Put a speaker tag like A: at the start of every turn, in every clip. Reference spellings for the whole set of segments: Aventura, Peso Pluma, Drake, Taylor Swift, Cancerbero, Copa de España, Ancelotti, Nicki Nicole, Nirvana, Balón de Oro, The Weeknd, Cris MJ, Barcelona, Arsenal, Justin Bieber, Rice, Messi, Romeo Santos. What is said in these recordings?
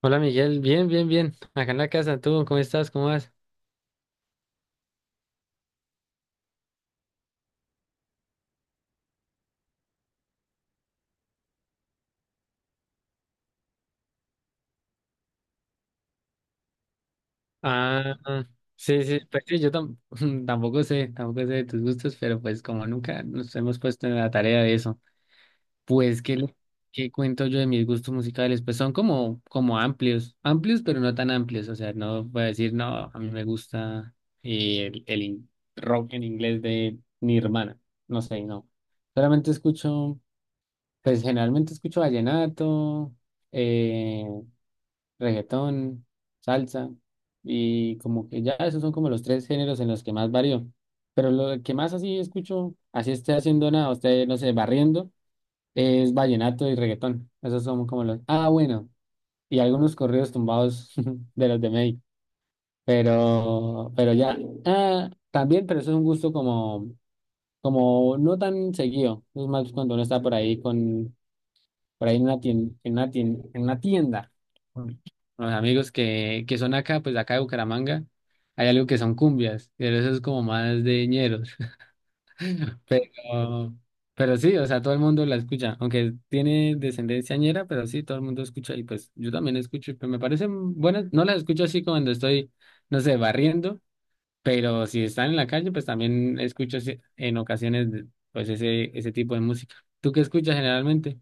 A: Hola Miguel, bien, bien, bien. Acá en la casa, ¿tú cómo estás? ¿Cómo vas? Ah, sí, tampoco sé, tampoco sé de tus gustos, pero pues como nunca nos hemos puesto en la tarea de eso, pues ¿ qué cuento yo de mis gustos musicales? Pues son como, como amplios, amplios, pero no tan amplios. O sea, no voy a decir, no, a mí me gusta el rock en inglés de Nirvana. No sé, no. Solamente escucho, pues generalmente escucho vallenato. eh, reggaetón, salsa, y como que ya esos son como los tres géneros en los que más varío. Pero lo que más así escucho, así esté haciendo nada, usted no sé, barriendo, es vallenato y reggaetón. Esos son como los... Ah, bueno, y algunos corridos tumbados de los de México. Pero ya, ah, también, pero eso es un gusto como, como no tan seguido. Es más cuando uno está por ahí con por ahí en una tienda, en una tienda con los amigos que son acá, pues de acá de Bucaramanga. Hay algo que son cumbias, pero eso es como más de ñeros. Pero, pero sí, o sea, todo el mundo la escucha, aunque tiene descendencia ñera, pero sí, todo el mundo escucha, y pues yo también escucho, pero me parecen buenas. No las escucho así cuando estoy, no sé, barriendo, pero si están en la calle, pues también escucho así- en ocasiones pues ese tipo de música. ¿Tú qué escuchas generalmente?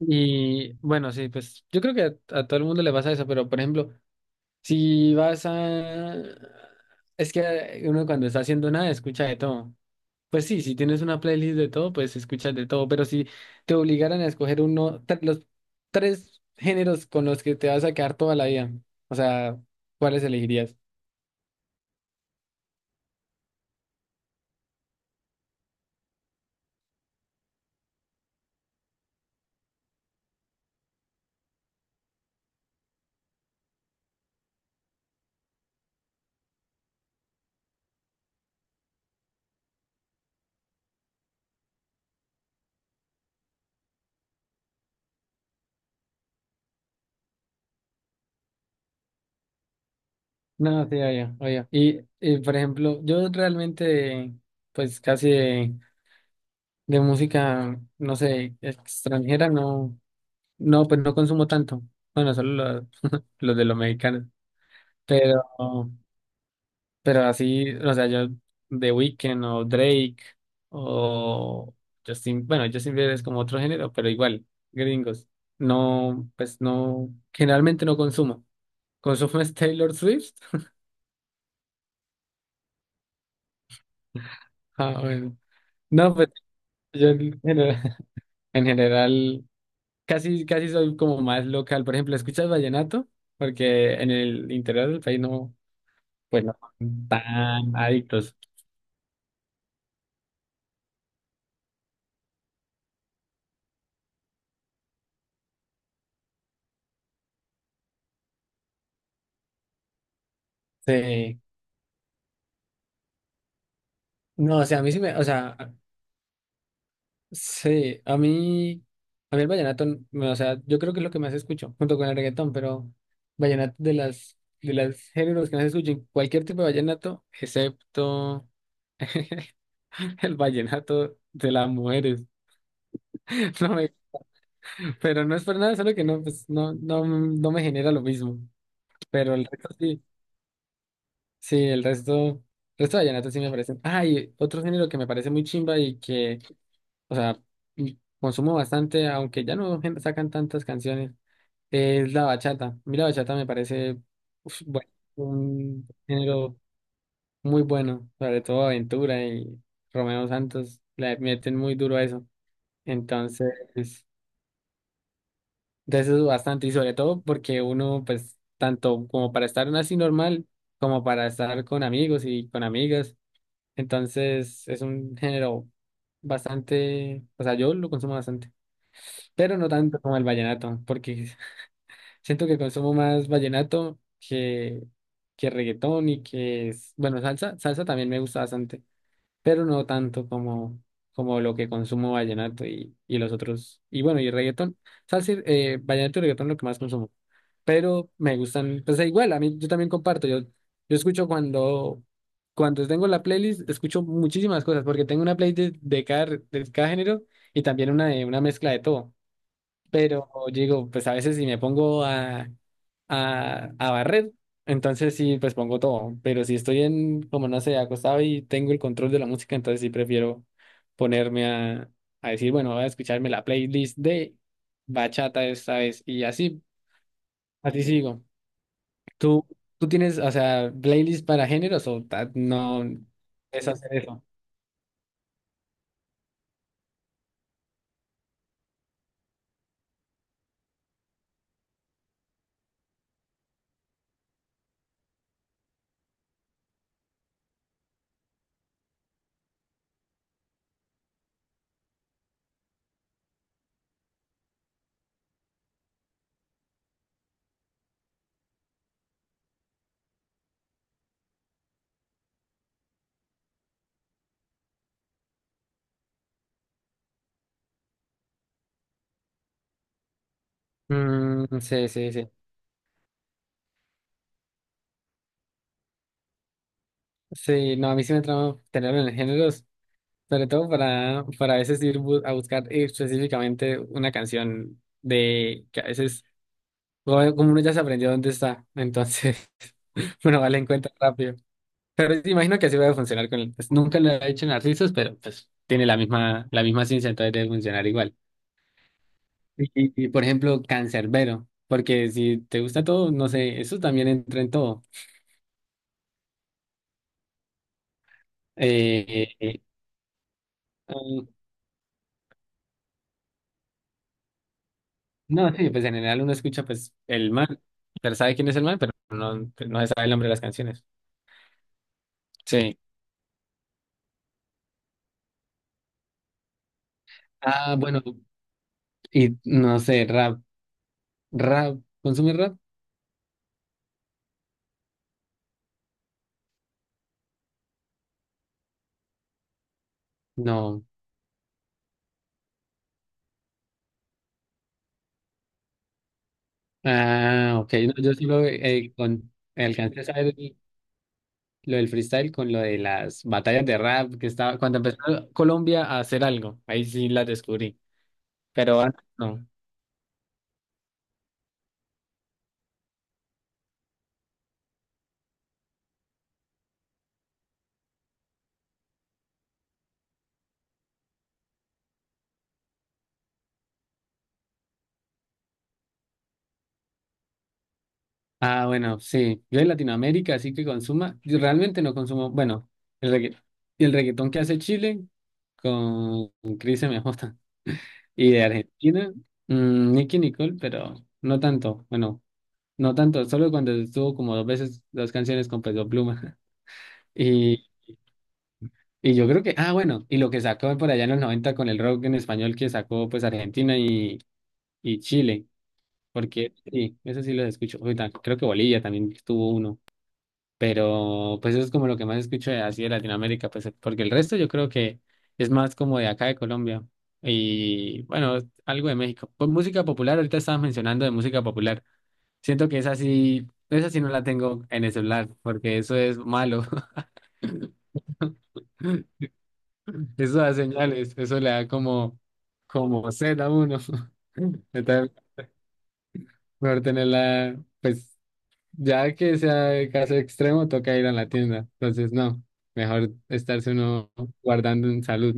A: Y bueno, sí, pues yo creo que a todo el mundo le pasa eso, pero por ejemplo, si vas a... Es que uno cuando está haciendo nada escucha de todo. Pues sí, si tienes una playlist de todo, pues escuchas de todo, pero si te obligaran a escoger uno, los tres géneros con los que te vas a quedar toda la vida, o sea, ¿cuáles elegirías? No, sí, oye, oye. Y, por ejemplo, yo realmente, pues casi de música, no sé, extranjera, no. No, pues no consumo tanto. Bueno, solo los, los de los mexicanos. Pero, pero así, o sea, yo The Weeknd o Drake o Justin, bueno, Justin Bieber es como otro género, pero igual, gringos. No, pues no, generalmente no consumo. ¿Consumo es Taylor Swift? Ah, bueno. No, pues yo en general, en general casi, casi soy como más local. Por ejemplo, ¿escuchas vallenato? Porque en el interior del país no. Pues no son tan adictos. Sí. No, o sea, a mí sí me, o sea, sí, a mí el vallenato, no, o sea, yo creo que es lo que más escucho, junto con el reggaetón, pero vallenato de las, de los géneros que más escucho, cualquier tipo de vallenato, excepto el vallenato de las mujeres. No me- pero no es por nada, solo que no, pues, no, no, no me genera lo mismo. Pero el resto sí. Sí, el resto de vallenatos sí me parecen. Ah, y otro género que me parece muy chimba y que, o sea, y consumo bastante, aunque ya no sacan tantas canciones, es la bachata. A mí la bachata me parece, uf, bueno, un género muy bueno, sobre todo Aventura y Romeo Santos le meten muy duro a eso. Entonces, de eso es bastante, y sobre todo porque uno, pues, tanto como para estar así normal, como para estar con amigos y con amigas. Entonces es un género bastante, o sea, yo lo consumo bastante, pero no tanto como el vallenato, porque siento que consumo más vallenato que reggaetón y que, bueno, salsa, salsa también me gusta bastante, pero no tanto como, como lo que consumo vallenato y los otros, y bueno, y reggaetón. Salsa sea, sí, vallenato y reggaetón lo que más consumo, pero me gustan, pues e igual, a mí yo también comparto, yo escucho cuando, cuando tengo la playlist, escucho muchísimas cosas, porque tengo una playlist de cada, de cada género, y también una, una mezcla de todo. Pero digo, pues a veces si me pongo a, a barrer. Entonces sí, pues pongo todo. Pero si estoy en, como no sé, acostado y tengo el control de la música, entonces sí prefiero ponerme a decir, bueno, voy a escucharme la playlist de bachata esta vez. Y así, así sigo. ¿Tú, tú tienes, o sea, playlist para géneros o no es hacer eso? Mm, sí, sí, sí. Sí, no, a mí sí me trama tenerlo en géneros. Sobre todo para a veces ir a buscar específicamente una canción, de que a veces, como uno ya se aprendió dónde está, entonces uno vale en cuenta rápido. Pero sí, imagino que así va a funcionar con él, pues nunca lo he hecho en artistas, pero pues tiene la misma ciencia, entonces debe funcionar igual. Y, por ejemplo, Cancerbero, porque si te gusta todo, no sé, eso también entra en todo. Eh, eh, eh, No, sí, pues en general uno escucha pues el man, pero sabe quién es el man, pero no, no se sabe el nombre de las canciones. Sí. Ah, bueno, y no sé, rap, rap, ¿consume rap? No. Ah, ok, no, yo solo con, alcancé a saber lo del freestyle con lo de las batallas de rap que estaba, cuando empezó Colombia a hacer algo, ahí sí las descubrí, pero antes no. Ah, bueno, sí. Yo de Latinoamérica, así que consuma. Yo realmente no consumo. Bueno, el y el reggaetón que hace Chile con Cris MJ. Y de Argentina, mm, Nicki Nicole, pero no tanto. Bueno, no tanto. Solo cuando estuvo como dos veces dos canciones con Peso Pluma. Y, y yo creo que. Ah, bueno. Y lo que sacó por allá en los 90 con el rock en español que sacó pues Argentina y Chile. Porque sí, eso sí los escucho. Uy, ta- creo que Bolivia también tuvo uno. Pero pues eso es como lo que más escucho de, así de Latinoamérica, pues porque el resto yo creo que es más como de acá de Colombia, y bueno, algo de México. Pues música popular, ahorita estabas mencionando de música popular. Siento que esa sí no la tengo en el celular porque eso es malo. Eso da señales, eso le da como, como sed a uno. Entonces, mejor tenerla, pues. Ya que sea caso extremo, toca ir a la tienda. Entonces, no, mejor estarse uno guardando en salud.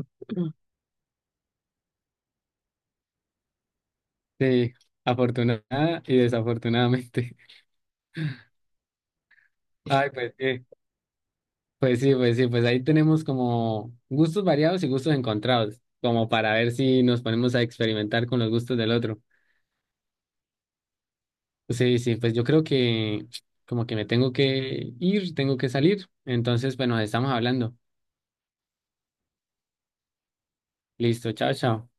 A: Sí, afortunada y desafortunadamente. Ay, pues sí, pues sí, pues ahí tenemos como gustos variados y gustos encontrados, como para ver si nos ponemos a experimentar con los gustos del otro. Sí, sí, pues yo creo que como que me tengo que ir, tengo que salir. Entonces, pues nos estamos hablando. Listo, chao, chao.